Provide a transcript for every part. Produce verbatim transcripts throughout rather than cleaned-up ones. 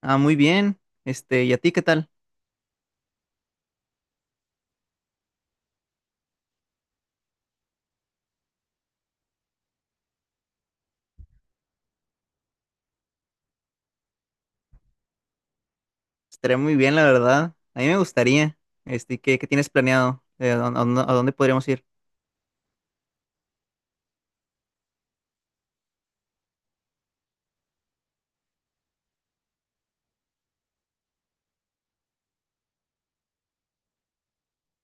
Ah, muy bien. Este, ¿y a ti qué tal? Estaría muy bien, la verdad. A mí me gustaría. Este, ¿qué, qué tienes planeado? Eh, ¿a, dónde, a dónde podríamos ir?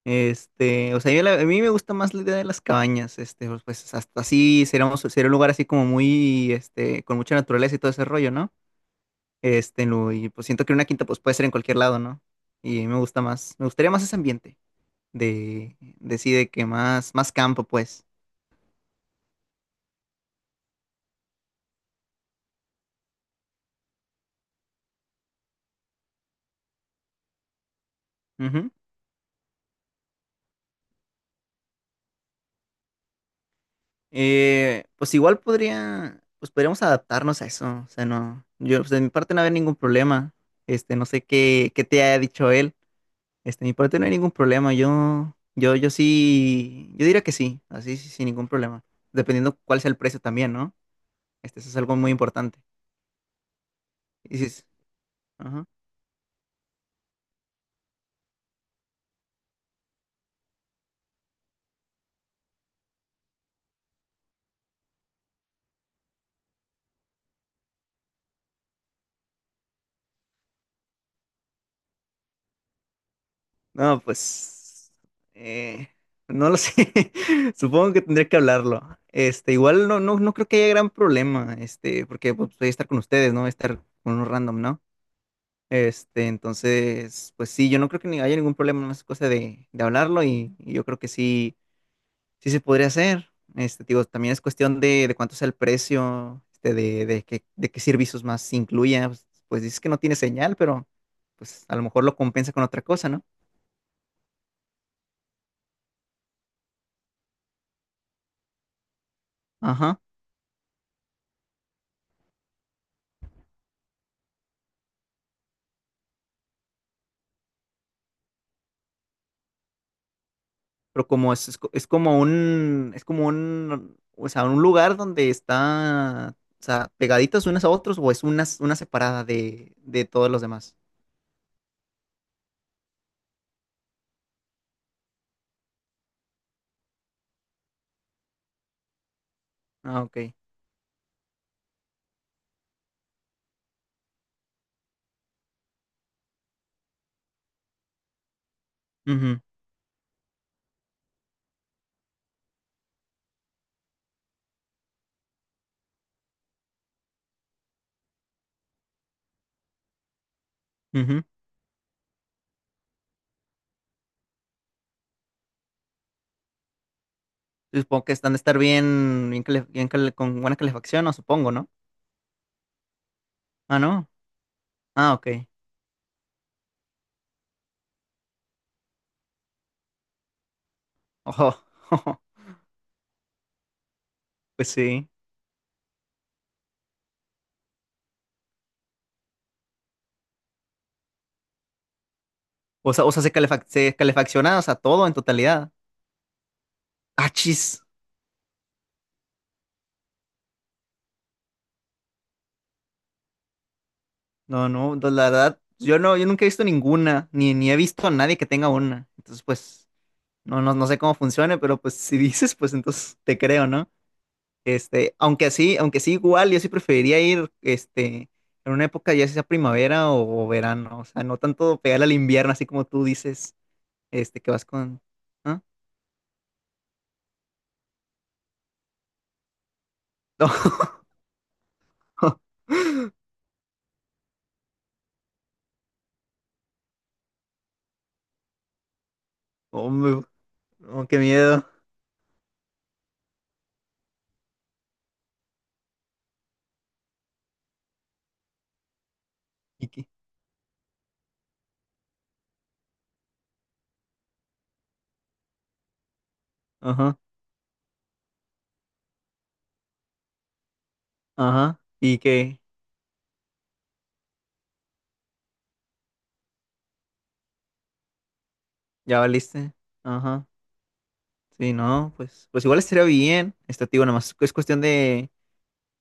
Este, o sea, yo la- a mí me gusta más la idea de las cabañas. Este, pues pues, hasta así seríamos, sería un lugar así como muy, este, con mucha naturaleza y todo ese rollo, ¿no? Este, lo- y pues siento que una quinta pues puede ser en cualquier lado, ¿no? Y me gusta más, me gustaría más ese ambiente de, de sí, de que más, más campo, pues. Ujú. Eh, pues igual podría, pues podríamos adaptarnos a eso. O sea, no, yo, pues de mi parte no había ningún problema. Este, no sé qué, qué te haya dicho él. Este, de mi parte no hay ningún problema. Yo, yo, yo sí, yo diría que sí, así sí, sin ningún problema. Dependiendo cuál sea el precio también, ¿no? Este, eso es algo muy importante. Y dices, ajá. No, pues eh, no lo sé. Supongo que tendré que hablarlo. Este, igual no, no, no creo que haya gran problema, este, porque pues, voy a estar con ustedes, ¿no? Voy a estar con unos random, ¿no? Este, entonces, pues sí, yo no creo que ni haya ningún problema, más es cosa de, de hablarlo y, y yo creo que sí, sí se podría hacer. Este, digo, también es cuestión de, de cuánto sea el precio, este, de, de qué, de qué servicios más se incluya. Pues, pues dices que no tiene señal, pero pues a lo mejor lo compensa con otra cosa, ¿no? Ajá. Pero como es, es, co- es como un, es como un, o sea, un lugar donde está, o sea, pegaditas unas a otras o es una, una separada de, de todos los demás. Ah, ok. Ujú, ujú. Supongo que están de estar bien, bien, cale- bien cale- con buena calefacción, no supongo, ¿no? Ah, no. Ah, ok. Ojo, pues sí. O sea, o sea, se calefac- se calefacciona, o sea, todo en totalidad. Ah, chis. No, no, no, la verdad, yo no, yo nunca he visto ninguna, ni, ni he visto a nadie que tenga una. Entonces, pues. No, no, no sé cómo funcione, pero pues si dices, pues entonces te creo, ¿no? Este, aunque así, aunque sí igual, yo sí preferiría ir, este, en una época ya sea primavera o, o verano, o sea, no tanto pegarle al invierno, así como tú dices, este, que vas con, ¿ah? No. Hombre, no, qué miedo. Y que, ajá, ajá, y que ya valiste, ajá, sí, no, pues, pues igual estaría bien, este, te digo, nada más es cuestión de.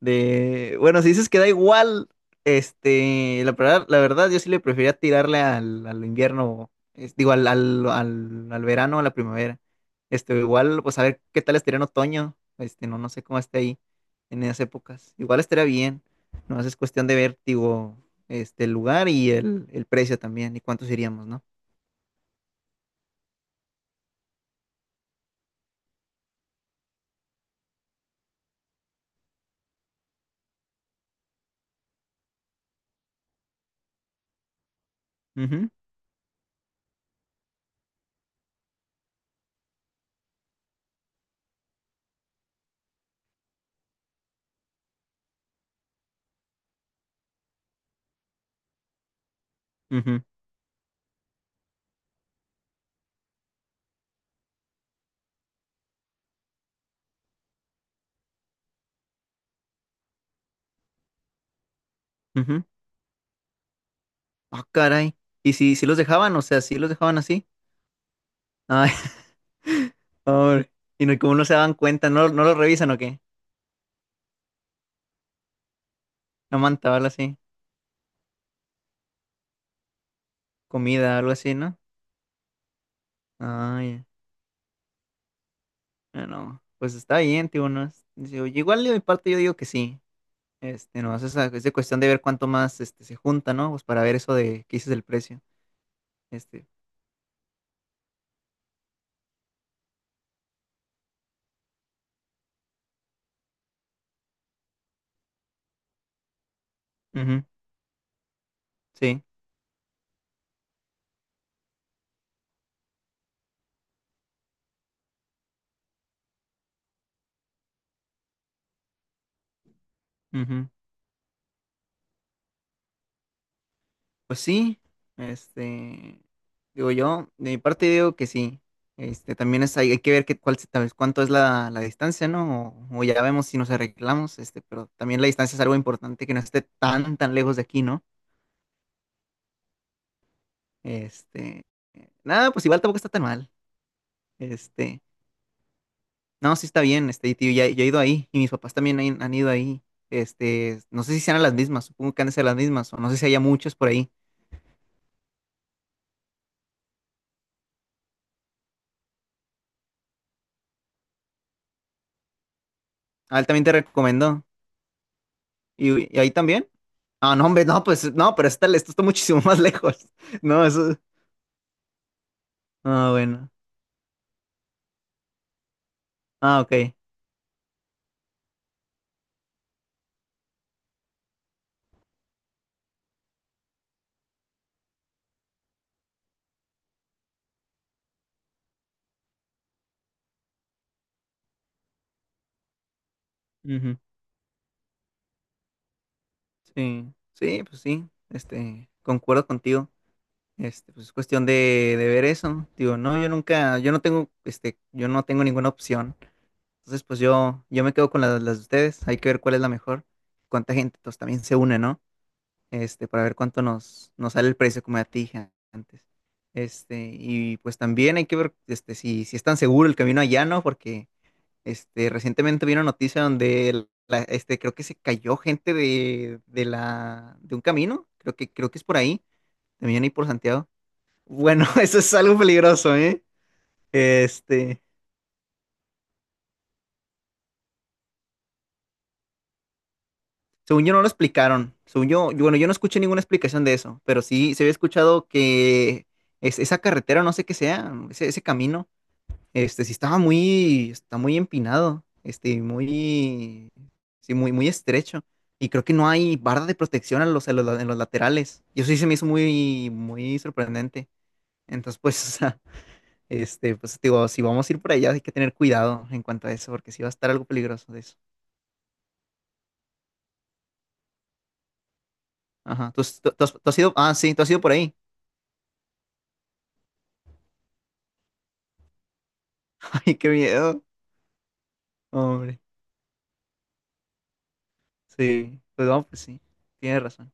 De, bueno, si dices que da igual, este, la verdad, la verdad, yo sí le prefería tirarle al, al invierno, es- digo, al, al, al, al verano, a la primavera. Este, igual, pues a ver qué tal estaría en otoño. Este, no, no sé cómo esté ahí en esas épocas. Igual estaría bien. No es cuestión de ver, digo, este, el lugar y el, el precio también, y cuántos iríamos, ¿no? Ujú, ujú, ujú. Ah, caray. ¿Y si, si los dejaban? O sea, si los dejaban así. Ay, pobre. Y no, como no se daban cuenta, no, no lo revisan o qué. No manta, algo así. Comida, algo así, ¿no? Ay, no. Pues está bien, tío, no es- digo, igual de mi parte yo digo que sí. Este, no, es, esa- es de cuestión de ver cuánto más este, se junta, ¿no? Pues para ver eso de qué dices del precio. Este, Ujú, sí. Ujú. Pues sí, este, digo yo, de mi parte digo que sí. Este, también es, hay, hay que ver qué cuál, se- tal vez cuánto es la, la distancia, ¿no? O, o ya vemos si nos arreglamos, este, pero también la distancia es algo importante que no esté tan, tan lejos de aquí, ¿no? Este, eh, Nada, pues igual tampoco está tan mal. Este, no, sí está bien, este, y tío, ya, yo he ido ahí y mis papás también han, han ido ahí. Este, no sé si sean las mismas, supongo que han de ser las mismas, o no sé si haya muchos por ahí. Ah, él también te recomendó. ¿Y, y ahí también? Ah, no, hombre, no, pues no, pero está, esto está muchísimo más lejos. No, eso. Ah, bueno. Ah, ok. Ujú. Sí, sí, pues sí. Este, concuerdo contigo. Este, pues es cuestión de, de ver eso. Digo, no, yo nunca, yo no tengo, este, yo no tengo ninguna opción. Entonces, pues yo, yo me quedo con las, las de ustedes. Hay que ver cuál es la mejor. Cuánta gente, pues también se une, ¿no? Este, para ver cuánto nos, nos sale el precio, como ya te dije antes. Este, y pues también hay que ver, este, si, si es tan seguro el camino allá, ¿no? Porque Este, recientemente vi una noticia donde el- la- este, creo que se cayó gente de, de la, de un camino, creo que, creo que es por ahí, también ahí por Santiago. Bueno, eso es algo peligroso, ¿eh? Este, Según yo no lo explicaron, según yo, yo- bueno, yo no escuché ninguna explicación de eso, pero sí se había escuchado que es, esa carretera, no sé qué sea, ese, ese camino. Este, sí estaba muy, está muy empinado, este, muy, sí, muy, muy estrecho. Y creo que no hay barra de protección en los, en los, la- en los laterales. Y eso sí se me hizo muy, muy sorprendente. Entonces, pues, o sea, este, pues, digo, si vamos a ir por allá, hay que tener cuidado en cuanto a eso, porque sí va a estar algo peligroso de eso. Ajá. ¿Tú, has- tú- tú has, tú has ido? Ah, sí, tú has ido por ahí. Ay, qué miedo. Hombre, sí. Pues vamos, pues sí. Tienes razón.